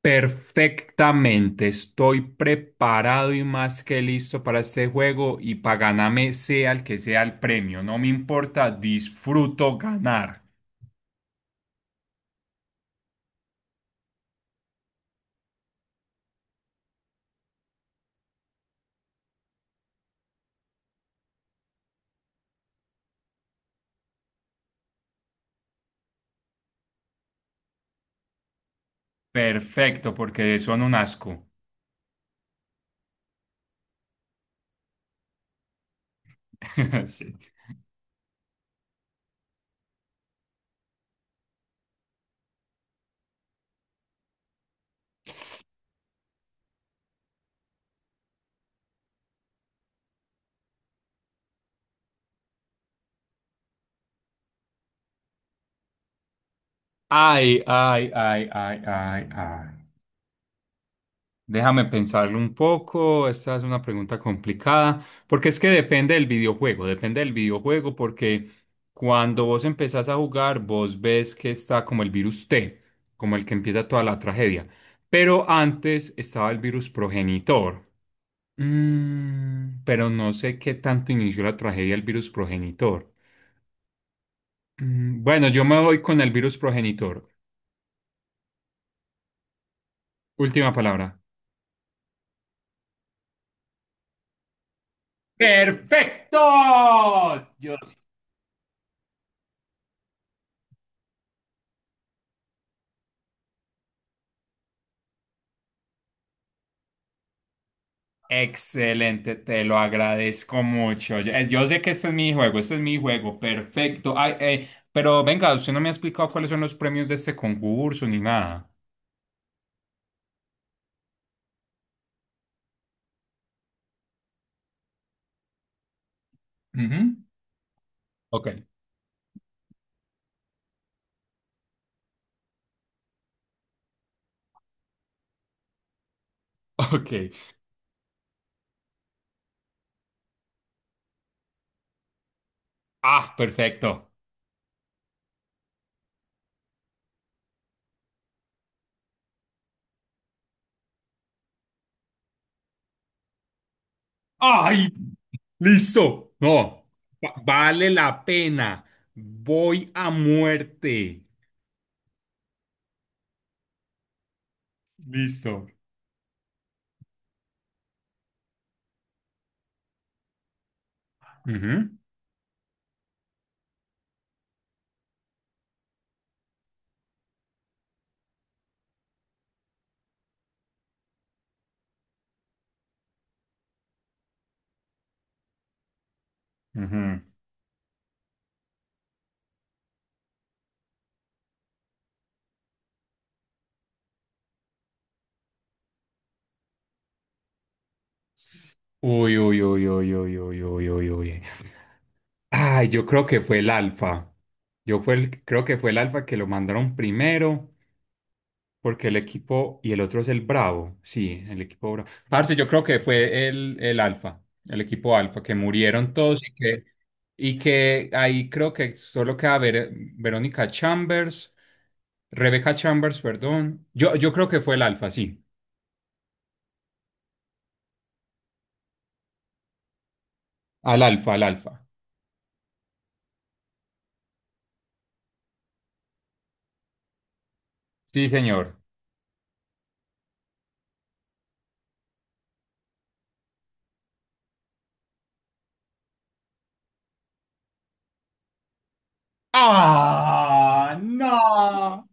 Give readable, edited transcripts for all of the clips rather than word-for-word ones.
Perfectamente, estoy preparado y más que listo para este juego y para ganarme sea el que sea el premio, no me importa, disfruto ganar. Perfecto, porque son un asco. Sí. Ay, ay, ay, ay, ay, ay. Déjame pensarlo un poco, esta es una pregunta complicada, porque es que depende del videojuego, porque cuando vos empezás a jugar, vos ves que está como el virus T, como el que empieza toda la tragedia, pero antes estaba el virus progenitor. Mm, pero no sé qué tanto inició la tragedia el virus progenitor. Bueno, yo me voy con el virus progenitor. Última palabra. ¡Perfecto! Dios. Excelente, te lo agradezco mucho. Yo sé que este es mi juego, este es mi juego, perfecto. Pero venga, usted no me ha explicado cuáles son los premios de este concurso ni nada. Ujú. Ok, ok. Ah, perfecto. ¡Ay! Listo. No, vale la pena. Voy a muerte. Listo. Ujú, ujú. Uy, uy, uy, uy, uy, uy, uy, uy, uy. Ay, yo creo que fue el Alfa. Creo que fue el Alfa que lo mandaron primero, porque el equipo y el otro es el Bravo. Sí, el equipo Bravo. Parce, yo creo que fue el Alfa, el equipo Alfa, que murieron todos, y que ahí creo que solo queda Verónica Chambers, Rebecca Chambers, perdón. Yo creo que fue el Alfa, sí. Al Alfa, al Alfa. Sí, señor. ¡Ah! ¡No!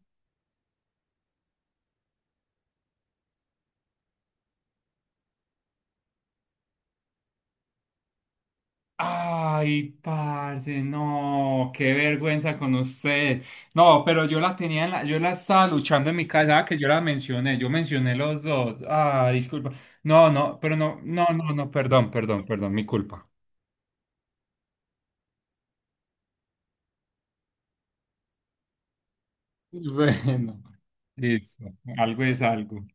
¡Ay, parce! No, qué vergüenza con usted. No, pero yo la tenía en la, yo la estaba luchando en mi casa, ah, que yo la mencioné, yo mencioné los dos. Ah, disculpa. No, no, pero no, no, no, no, perdón, perdón, perdón, mi culpa. Bueno, listo. Algo es algo.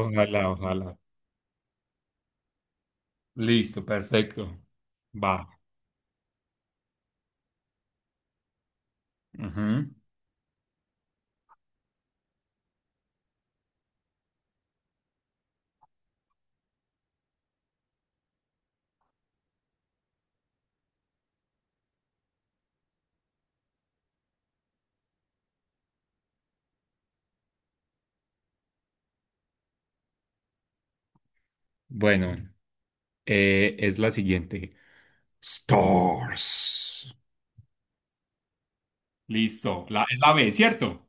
Ojalá, ojalá. Listo, perfecto. Va. Ujú. Bueno, es la siguiente. Stars. Listo. La, es la B, ¿cierto?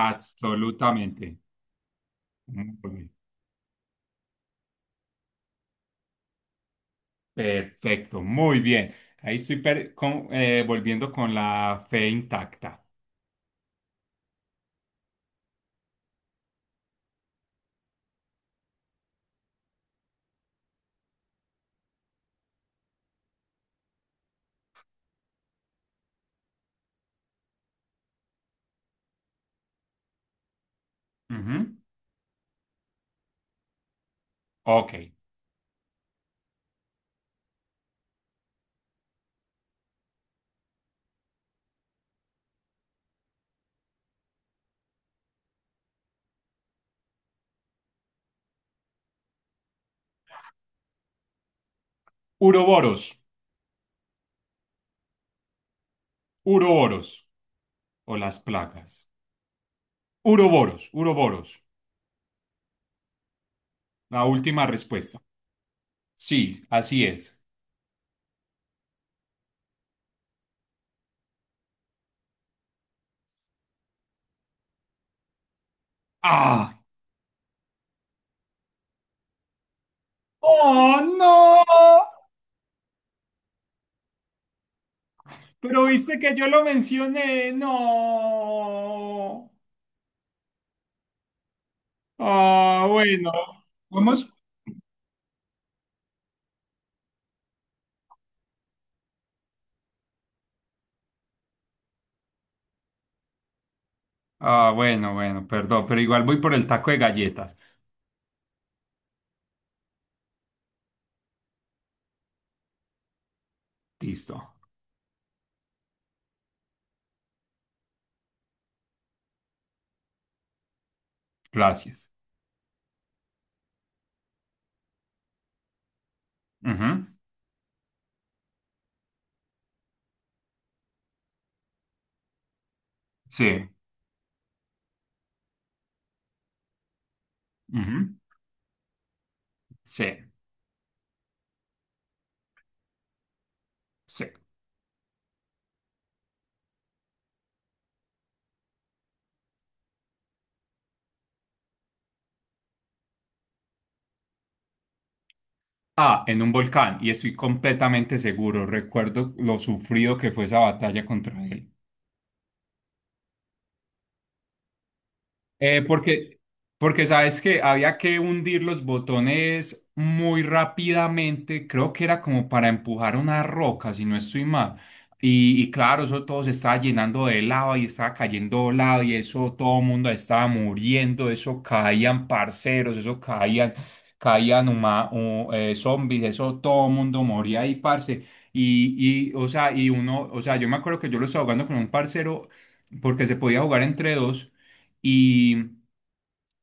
Absolutamente. Muy bien. Perfecto, muy bien. Ahí estoy volviendo con la fe intacta. Ujú. Ok. Uroboros, uroboros o las plagas. Uroboros, uroboros. La última respuesta. Sí, así es. ¡Ah! ¡Oh, no! Pero viste que yo lo mencioné. No. Ah, bueno. Vamos. Ah, bueno, bueno, perdón, pero igual voy por el taco de galletas. Listo, gracias. Ujú, sí, ujú, sí, sí. Ah, en un volcán, y estoy completamente seguro. Recuerdo lo sufrido que fue esa batalla contra él. Eh, porque, Porque sabes que había que hundir los botones muy rápidamente, creo que era como para empujar una roca, si no estoy mal. Y claro, eso todo se estaba llenando de lava y estaba cayendo lava y eso todo el mundo estaba muriendo, eso caían parceros, eso caían, zombies, eso todo el mundo moría ahí, parce. O sea, y uno, o sea, yo me acuerdo que yo lo estaba jugando con un parcero porque se podía jugar entre dos. Y,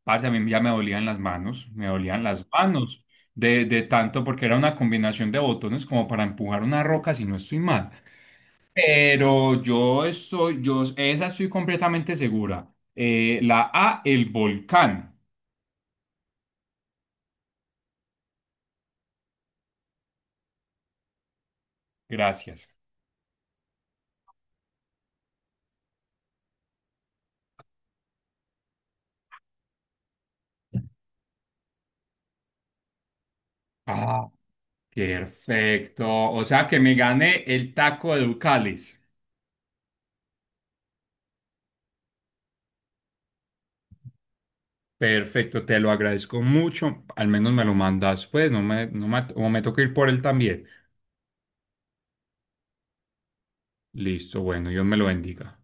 parce, a mí ya me dolían las manos, me dolían las manos de tanto porque era una combinación de botones como para empujar una roca si no estoy mal. Esa estoy completamente segura. La A, el volcán. Gracias. Ah, perfecto. O sea que me gané el taco de Ducales. Perfecto, te lo agradezco mucho. Al menos me lo mandas, pues, no me, no me, o me toca ir por él también. Listo, bueno, Dios me lo bendiga.